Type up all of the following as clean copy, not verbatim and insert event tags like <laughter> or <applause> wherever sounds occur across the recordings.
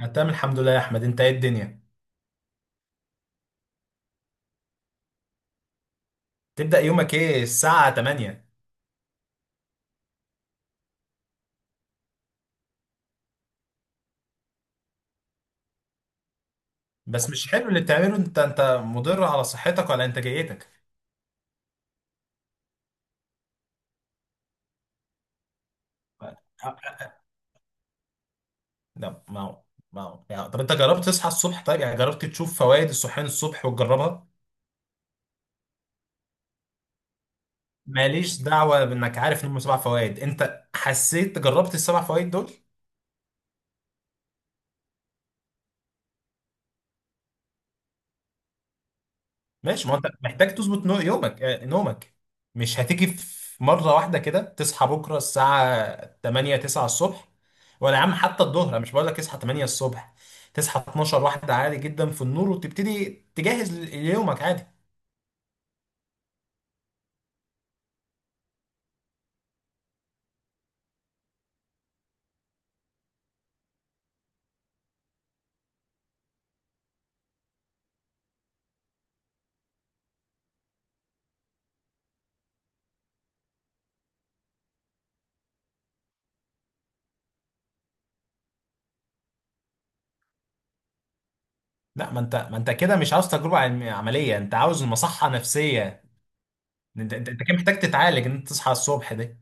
انا تمام، الحمد لله يا احمد. انت ايه الدنيا؟ تبدأ يومك ايه الساعة 8؟ بس مش حلو اللي بتعمله. انت مضر على صحتك وعلى انتاجيتك. أه، لا ما هو يعني. طب انت جربت تصحى الصبح؟ طيب يعني جربت تشوف فوائد الصحيان الصبح وتجربها؟ ماليش دعوة بانك عارف ان هم سبع فوائد. انت حسيت جربت السبع فوائد دول؟ ماشي، ما انت محتاج تظبط يومك. نومك مش هتيجي في مرة واحدة كده. تصحى بكرة الساعة 8 9 الصبح، ولا يا عم حتى الظهر. انا مش بقول لك اصحى 8 الصبح. تصحى 12 واحدة عادي جدا في النور، وتبتدي تجهز ليومك عادي. لا، ما انت كده مش عاوز تجربة عملية، انت عاوز مصحة نفسية. انت كده محتاج تتعالج ان انت تصحى الصبح ده.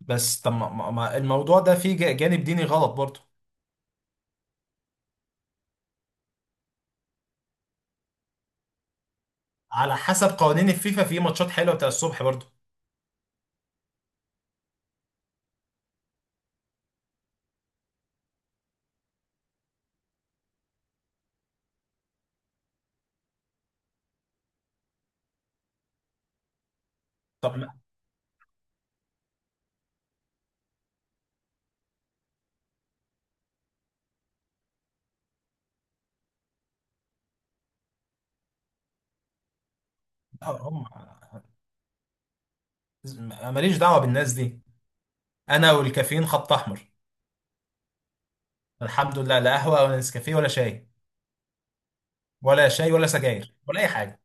بس طب، الموضوع ده فيه جانب ديني غلط برضه. على حسب قوانين الفيفا في ماتشات حلوة بتاع الصبح برضه. طب. هم. ماليش دعوه بالناس دي. انا والكافيين خط احمر. الحمد لله، لا قهوه ولا نسكافيه ولا شاي. ولا شاي ولا سجاير ولا اي حاجه.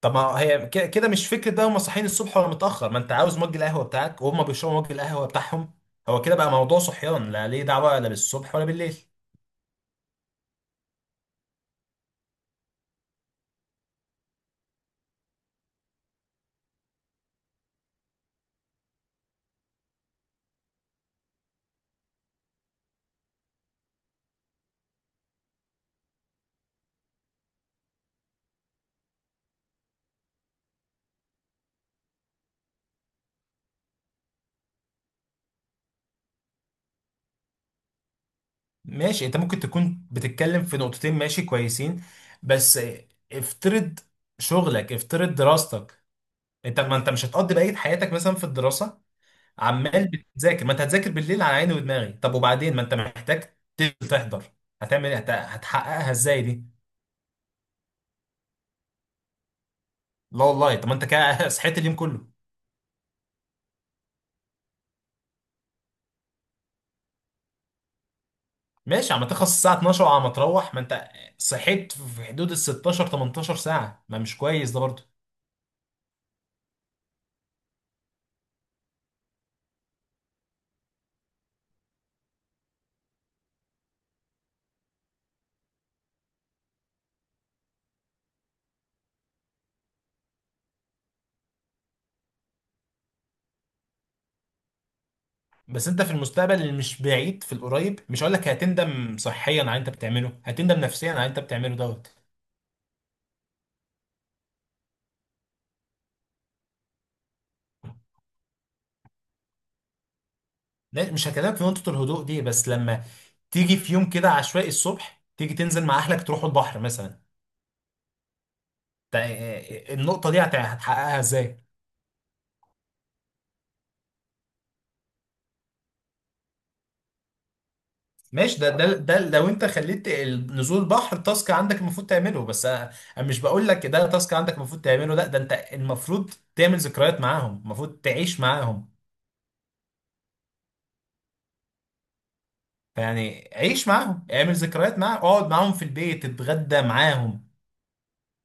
طب ما هي كده مش فكره بقى؟ هم صاحيين الصبح ولا متاخر، ما انت عاوز مج القهوه بتاعك وهم بيشربوا مج القهوه بتاعهم. هو كده بقى موضوع صحيان، لا ليه دعوه لا بالصبح ولا بالليل. ماشي، انت ممكن تكون بتتكلم في نقطتين ماشي كويسين، بس افترض شغلك، افترض دراستك. انت، ما انت مش هتقضي بقيه حياتك مثلا في الدراسه عمال بتذاكر. ما انت هتذاكر بالليل، على عيني ودماغي. طب وبعدين، ما انت محتاج تنزل تحضر. هتعمل ايه؟ هتحققها ازاي دي؟ لا والله. طب ما انت كده <laughs> صحيت اليوم كله. ماشي، عم تخلص الساعه 12 وعم تروح. ما انت صحيت في حدود ال 16 18 ساعه، ما مش كويس ده برضه. بس انت في المستقبل اللي مش بعيد، في القريب، مش هقول لك هتندم صحيا على اللي انت بتعمله، هتندم نفسيا على اللي انت بتعمله دوت. لا، مش هكلمك في نقطه الهدوء دي، بس لما تيجي في يوم كده عشوائي الصبح تيجي تنزل مع اهلك تروحوا البحر مثلا، النقطة دي هتحققها ازاي؟ ماشي، ده لو انت خليت نزول البحر تاسك عندك المفروض تعمله بس انا. مش بقول لك ده تاسك عندك المفروض تعمله، لا ده انت المفروض تعمل ذكريات معاهم، المفروض تعيش معاهم. فيعني عيش معاهم، اعمل ذكريات معاهم، اقعد معاهم في البيت، اتغدى معاهم،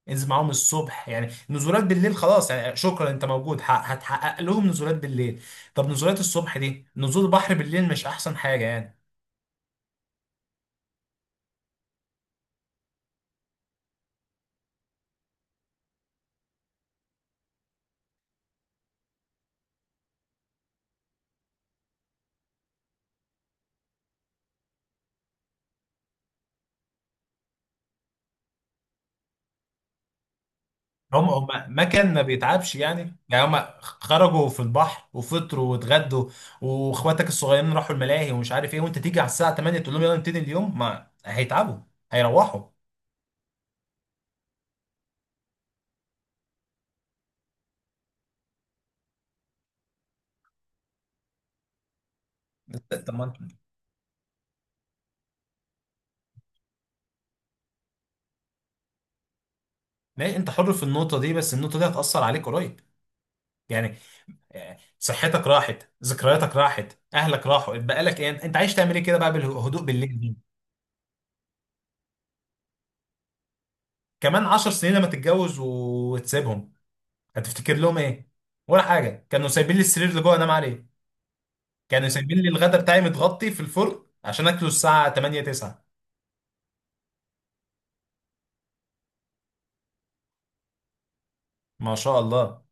انزل معاهم الصبح. يعني نزولات بالليل خلاص، يعني شكرا انت موجود، هتحقق لهم نزولات بالليل. طب نزولات الصبح دي، نزول البحر بالليل مش احسن حاجة يعني؟ هم هم. ما كان ما بيتعبش يعني هم خرجوا في البحر وفطروا واتغدوا، واخواتك الصغيرين راحوا الملاهي ومش عارف ايه، وانت تيجي على الساعه 8 تقول لهم يلا نبتدي اليوم؟ ما هيتعبوا، هيروحوا. <laughs> طب ما انت، انت حر في النقطه دي، بس النقطه دي هتاثر عليك قريب. يعني صحتك راحت، ذكرياتك راحت، اهلك راحوا، بقى لك ايه؟ انت عايز تعمل ايه كده بقى بالهدوء بالليل دي؟ كمان 10 سنين لما تتجوز وتسيبهم هتفتكر لهم ايه؟ ولا حاجه. كانوا سايبين لي السرير اللي جوه انام عليه، كانوا سايبين لي الغدا بتاعي متغطي في الفرن عشان اكله الساعه 8 9. ما شاء الله.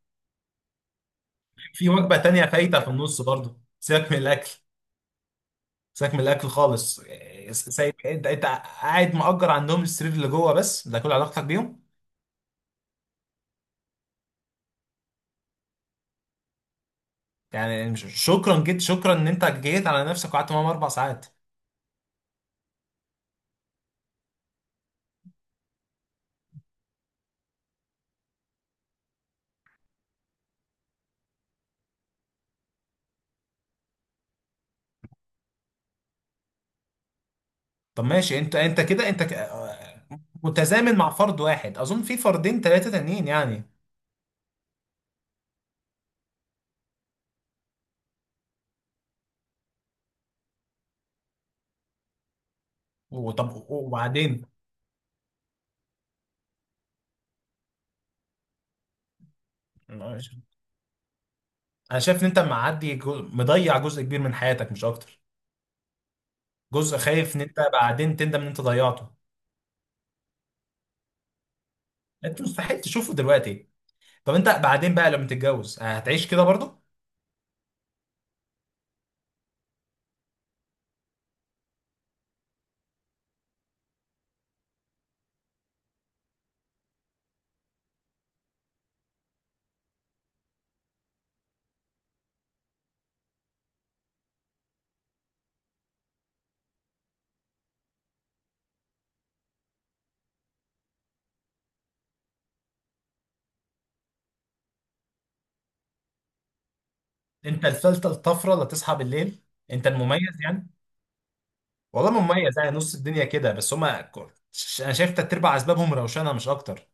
في وجبه تانية فايته في النص برضه. سيبك من الاكل، سيبك من الاكل خالص. إيه، سايب. انت قاعد مأجر عندهم السرير اللي جوه، بس ده كل علاقتك بيهم. يعني شكرا، شكرا ان انت جيت على نفسك وقعدت معاهم 4 ساعات. طب ماشي. انت كده، انت ك- آه، متزامن مع فرد واحد اظن، في فردين ثلاثه تانيين يعني. وطب وبعدين، انا شايف ان انت معدي، مضيع جزء كبير من حياتك مش اكتر. جزء خايف ان انت بعدين تندم ان انت ضيعته. انت مستحيل تشوفه دلوقتي. طب انت بعدين بقى لما تتجوز هتعيش كده برضه؟ انت الفلتة الطفرة اللي تصحى بالليل، انت المميز يعني. والله مميز يعني، نص الدنيا كده، بس هما انا شايف تلات ارباع اسبابهم روشنة مش اكتر.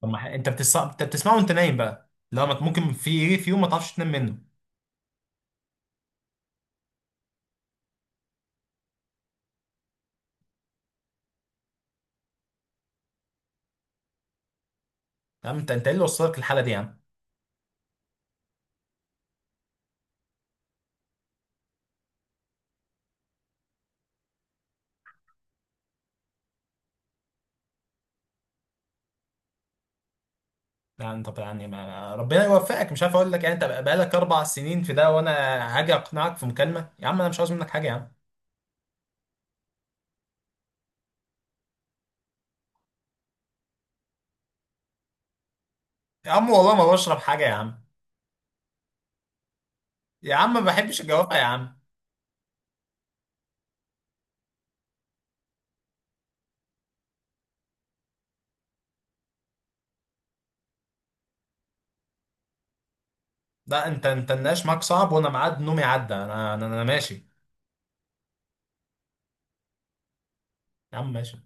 طب ما انت انت بتسمعه وانت نايم بقى، لا ما ممكن في ايه، في يوم ما تعرفش تنام منه. تمام، انت ايه اللي وصلك للحالة دي يا عم؟ لا انت يعني، ما ربنا يوفقك، مش عارف اقول لك يعني. انت بقالك 4 سنين في ده وانا هاجي اقنعك في مكالمه؟ يا عم انا مش عاوز منك حاجه يا عم. يا عم والله ما بشرب حاجه يا عم. يا عم ما بحبش الجوافه يا عم. لا، انت النقاش معاك صعب، وانا ميعاد نومي عدى. أنا ماشي. يا عم ماشي.